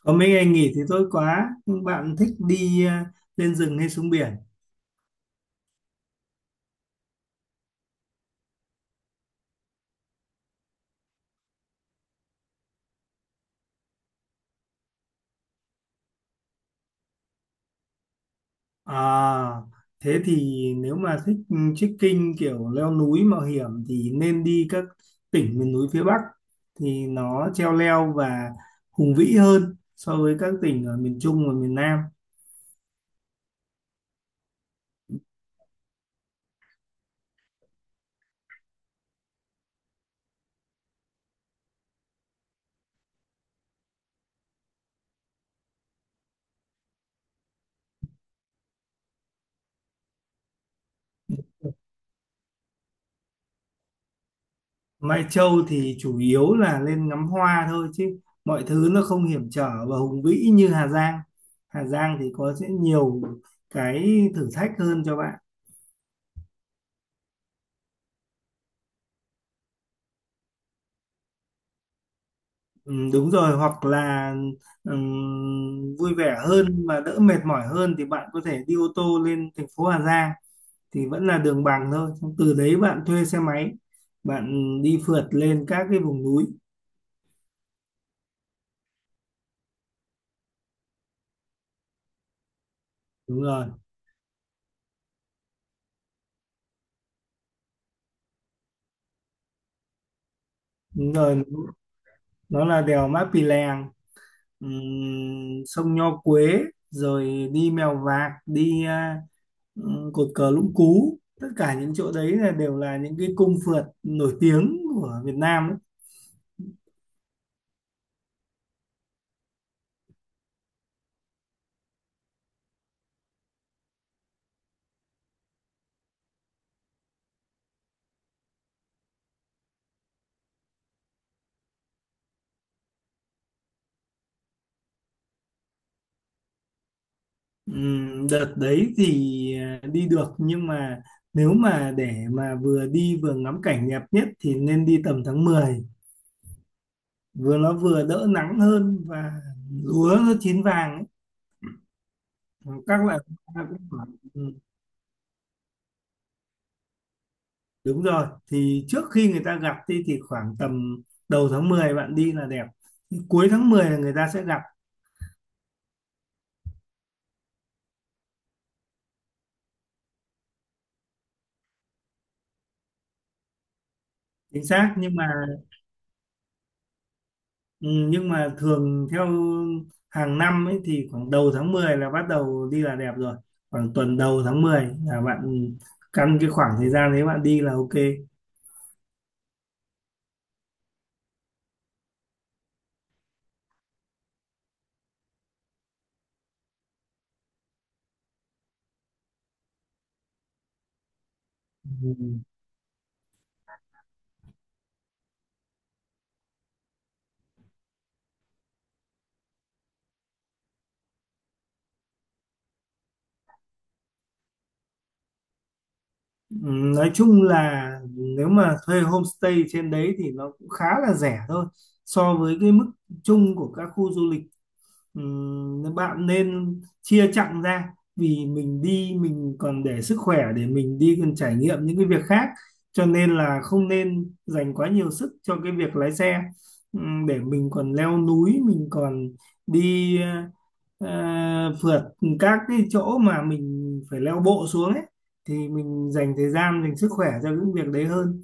Có mấy ngày nghỉ thì tốt quá. Nhưng bạn thích đi lên rừng hay xuống biển? À, Thế thì nếu mà thích trekking kiểu leo núi mạo hiểm thì nên đi các tỉnh miền núi phía Bắc, thì nó treo leo và hùng vĩ hơn so với các tỉnh ở miền Trung và miền Nam. Mai Châu thì chủ yếu là lên ngắm hoa thôi, chứ mọi thứ nó không hiểm trở và hùng vĩ như Hà Giang. Hà Giang thì có sẽ nhiều cái thử thách hơn cho bạn. Ừ, đúng rồi, hoặc là vui vẻ hơn và đỡ mệt mỏi hơn thì bạn có thể đi ô tô lên thành phố Hà Giang, thì vẫn là đường bằng thôi. Xong từ đấy bạn thuê xe máy, bạn đi phượt lên các cái vùng núi. Đúng rồi, đúng rồi, nó là đèo Mã Pì Lèng, sông Nho Quế, rồi đi Mèo Vạc, cột cờ Lũng Cú. Tất cả những chỗ đấy là đều là những cái cung phượt nổi tiếng của Việt Nam đấy. Đợt đấy thì đi được, nhưng mà nếu mà để mà vừa đi vừa ngắm cảnh đẹp nhất thì nên đi tầm tháng 10, vừa nó vừa đỡ nắng hơn và lúa nó chín vàng ấy. Các loại hoa cũng khoảng... Ừ, đúng rồi, thì trước khi người ta gặt đi thì khoảng tầm đầu tháng 10 bạn đi là đẹp. Thì cuối tháng 10 là người ta sẽ gặt. Chính xác, nhưng mà... Ừ, nhưng mà thường theo hàng năm ấy thì khoảng đầu tháng 10 là bắt đầu đi là đẹp rồi. Khoảng tuần đầu tháng 10 là bạn căn cái khoảng thời gian đấy bạn đi là ok. Ừ. Ừ, nói chung là nếu mà thuê homestay trên đấy thì nó cũng khá là rẻ thôi, so với cái mức chung của các khu du lịch. Bạn nên chia chặng ra, vì mình đi mình còn để sức khỏe để mình đi còn trải nghiệm những cái việc khác, cho nên là không nên dành quá nhiều sức cho cái việc lái xe. Để mình còn leo núi, mình còn đi ờ, phượt các cái chỗ mà mình phải leo bộ xuống ấy, thì mình dành thời gian dành sức khỏe cho những việc đấy hơn.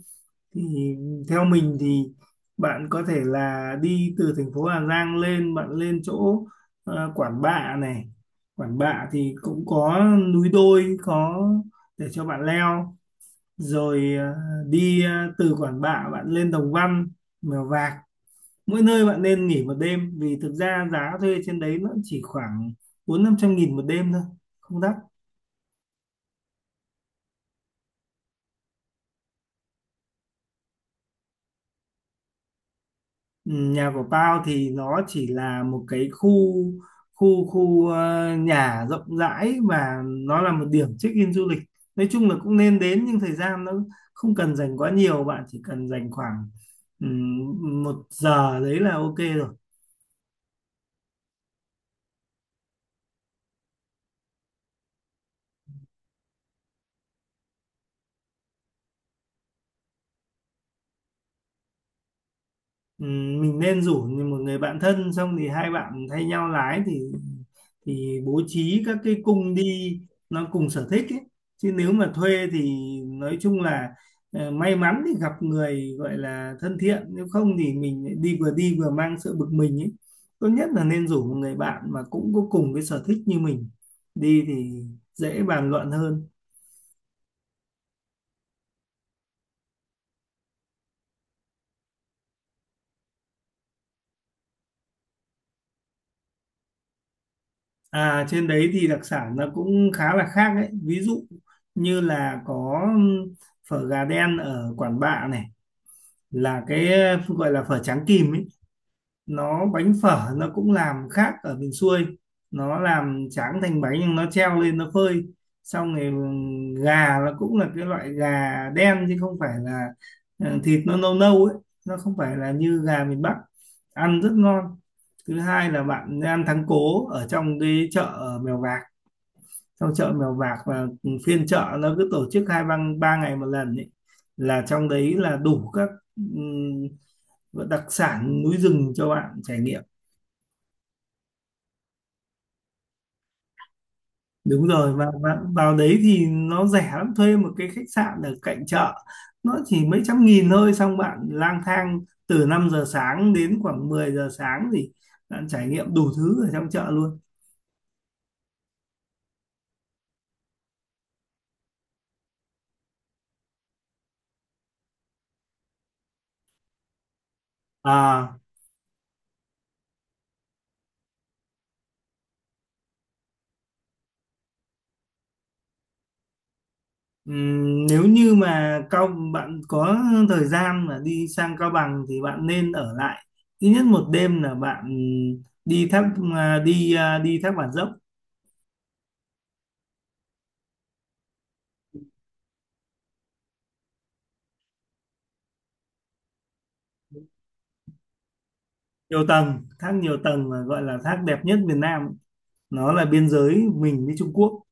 Thì theo mình thì bạn có thể là đi từ thành phố Hà Giang lên, bạn lên chỗ Quản Bạ này. Quản Bạ thì cũng có núi đôi có để cho bạn leo, rồi đi ờ, từ Quản Bạ bạn lên Đồng Văn, Mèo Vạc. Mỗi nơi bạn nên nghỉ một đêm, vì thực ra giá thuê trên đấy nó chỉ khoảng 400-500 nghìn một đêm thôi, không đắt. Ừ, nhà của tao thì nó chỉ là một cái khu khu khu ờ, nhà rộng rãi và nó là một điểm check-in du lịch. Nói chung là cũng nên đến, nhưng thời gian nó không cần dành quá nhiều, bạn chỉ cần dành khoảng một giờ đấy là ok rồi. Ừ, mình nên rủ một người bạn thân, xong thì hai bạn thay nhau lái, thì bố trí các cái cung đi nó cùng sở thích ấy. Chứ nếu mà thuê thì nói chung là may mắn thì gặp người gọi là thân thiện, nếu không thì mình lại đi vừa mang sự bực mình ấy. Tốt nhất là nên rủ một người bạn mà cũng có cùng cái sở thích như mình đi, thì dễ bàn luận hơn. À, trên đấy thì đặc sản nó cũng khá là khác đấy. Ví dụ như là có phở gà đen ở Quản Bạ này, là cái gọi là phở tráng kìm ấy. Nó bánh phở nó cũng làm khác ở miền xuôi. Nó làm tráng thành bánh nhưng nó treo lên nó phơi. Xong rồi gà nó cũng là cái loại gà đen chứ không phải là thịt nó nâu nâu ấy. Nó không phải là như gà miền Bắc. Ăn rất ngon. Thứ hai là bạn ăn thắng cố ở trong cái chợ ở Mèo Vạc, trong chợ Mèo Vạc, và phiên chợ nó cứ tổ chức hai ba ba ngày một lần ấy, là trong đấy là đủ các đặc sản núi rừng cho bạn trải nghiệm. Đúng rồi, và vào đấy thì nó rẻ lắm, thuê một cái khách sạn ở cạnh chợ nó chỉ mấy trăm nghìn thôi, xong bạn lang thang từ 5 giờ sáng đến khoảng 10 giờ sáng thì bạn trải nghiệm đủ thứ ở trong chợ luôn. À. Nếu như mà bạn có thời gian mà đi sang Cao Bằng thì bạn nên ở lại ít nhất một đêm, là bạn đi thác à, đi thác Bản Dốc, nhiều tầng thác, nhiều tầng mà gọi là thác đẹp nhất Việt Nam, nó là biên giới mình với Trung Quốc.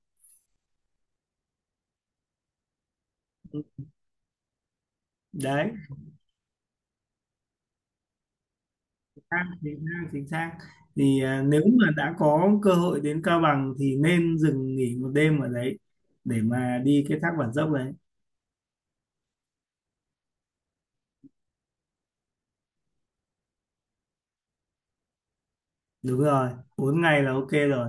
Đấy, chính xác, chính xác, chính xác. Thì nếu mà đã có cơ hội đến Cao Bằng thì nên dừng nghỉ một đêm ở đấy, để mà đi cái thác Bản Dốc đấy. Đúng rồi, 4 ngày là ok rồi.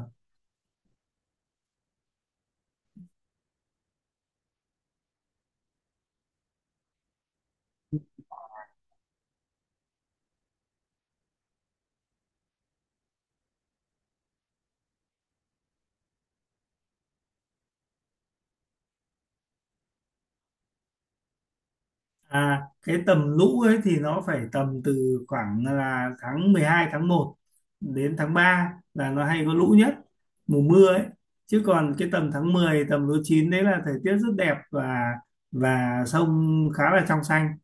À, cái tầm lũ ấy thì nó phải tầm từ khoảng là tháng 12, tháng 1 đến tháng 3 là nó hay có lũ nhất, mùa mưa ấy. Chứ còn cái tầm tháng 10 tầm lúa chín đấy là thời tiết rất đẹp, và sông khá là trong xanh.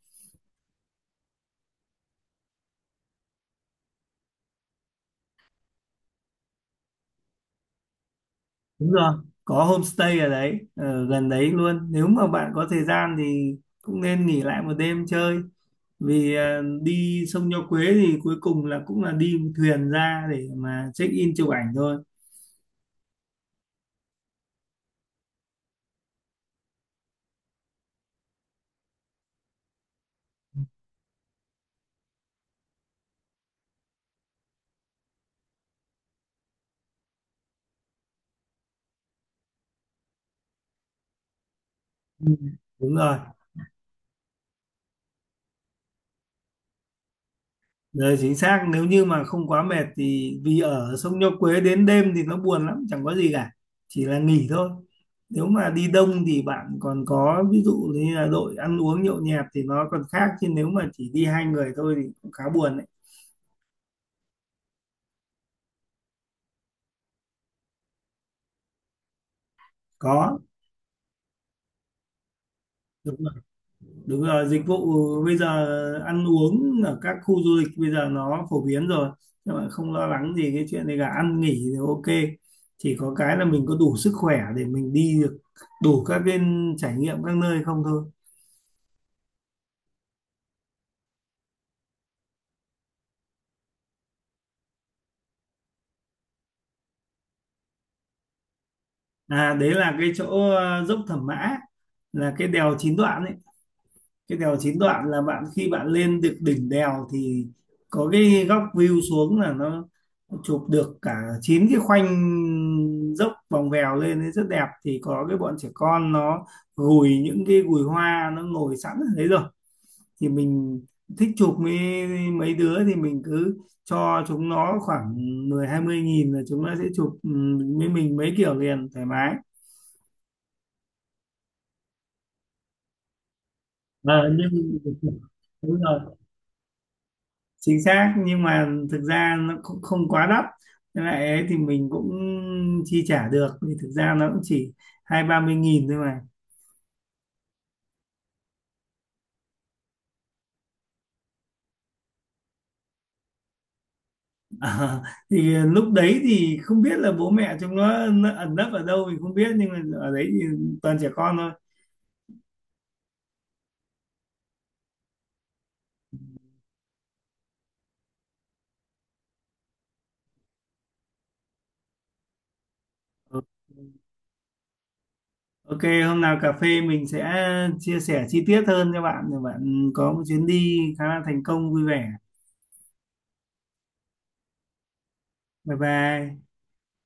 Đúng rồi, có homestay ở đấy, ở gần đấy luôn. Nếu mà bạn có thời gian thì cũng nên nghỉ lại một đêm chơi. Vì đi sông Nho Quế thì cuối cùng là cũng là đi thuyền ra để mà check in chụp ảnh thôi. Ừ. Đúng rồi. Đấy, chính xác, nếu như mà không quá mệt thì vì ở sông Nho Quế đến đêm thì nó buồn lắm, chẳng có gì cả, chỉ là nghỉ thôi. Nếu mà đi đông thì bạn còn có ví dụ như là đội ăn uống nhậu nhẹt thì nó còn khác, chứ nếu mà chỉ đi hai người thôi thì cũng khá buồn đấy. Có. Đúng rồi, dịch vụ bây giờ ăn uống ở các khu du lịch bây giờ nó phổ biến rồi. Nhưng mà không lo lắng gì cái chuyện này cả, ăn nghỉ thì ok. Chỉ có cái là mình có đủ sức khỏe để mình đi được đủ các cái trải nghiệm các nơi không thôi. À, đấy là cái chỗ dốc Thẩm Mã, là cái đèo chín đoạn ấy. Cái đèo chín đoạn là bạn khi bạn lên được đỉnh đèo thì có cái góc view xuống là nó chụp được cả chín cái khoanh dốc vòng vèo lên ấy rất đẹp. Thì có cái bọn trẻ con nó gùi những cái gùi hoa nó ngồi sẵn ở đấy rồi, thì mình thích chụp mấy mấy đứa thì mình cứ cho chúng nó khoảng 10-20 nghìn là chúng nó sẽ chụp với mình mấy kiểu liền thoải mái. Ờ, nhưng chính xác, nhưng mà thực ra nó cũng không quá đắt. Với lại ấy thì mình cũng chi trả được, vì thực ra nó cũng chỉ 20-30 nghìn thôi mà Ờ, thì lúc đấy thì không biết là bố mẹ chúng nó ẩn nấp ở đâu mình không biết, nhưng mà ở đấy thì toàn trẻ con thôi. Ờ, ok, hôm nào cà phê mình sẽ chia sẻ chi tiết hơn cho bạn để bạn có một chuyến đi khá là thành công vui vẻ. Bye bye.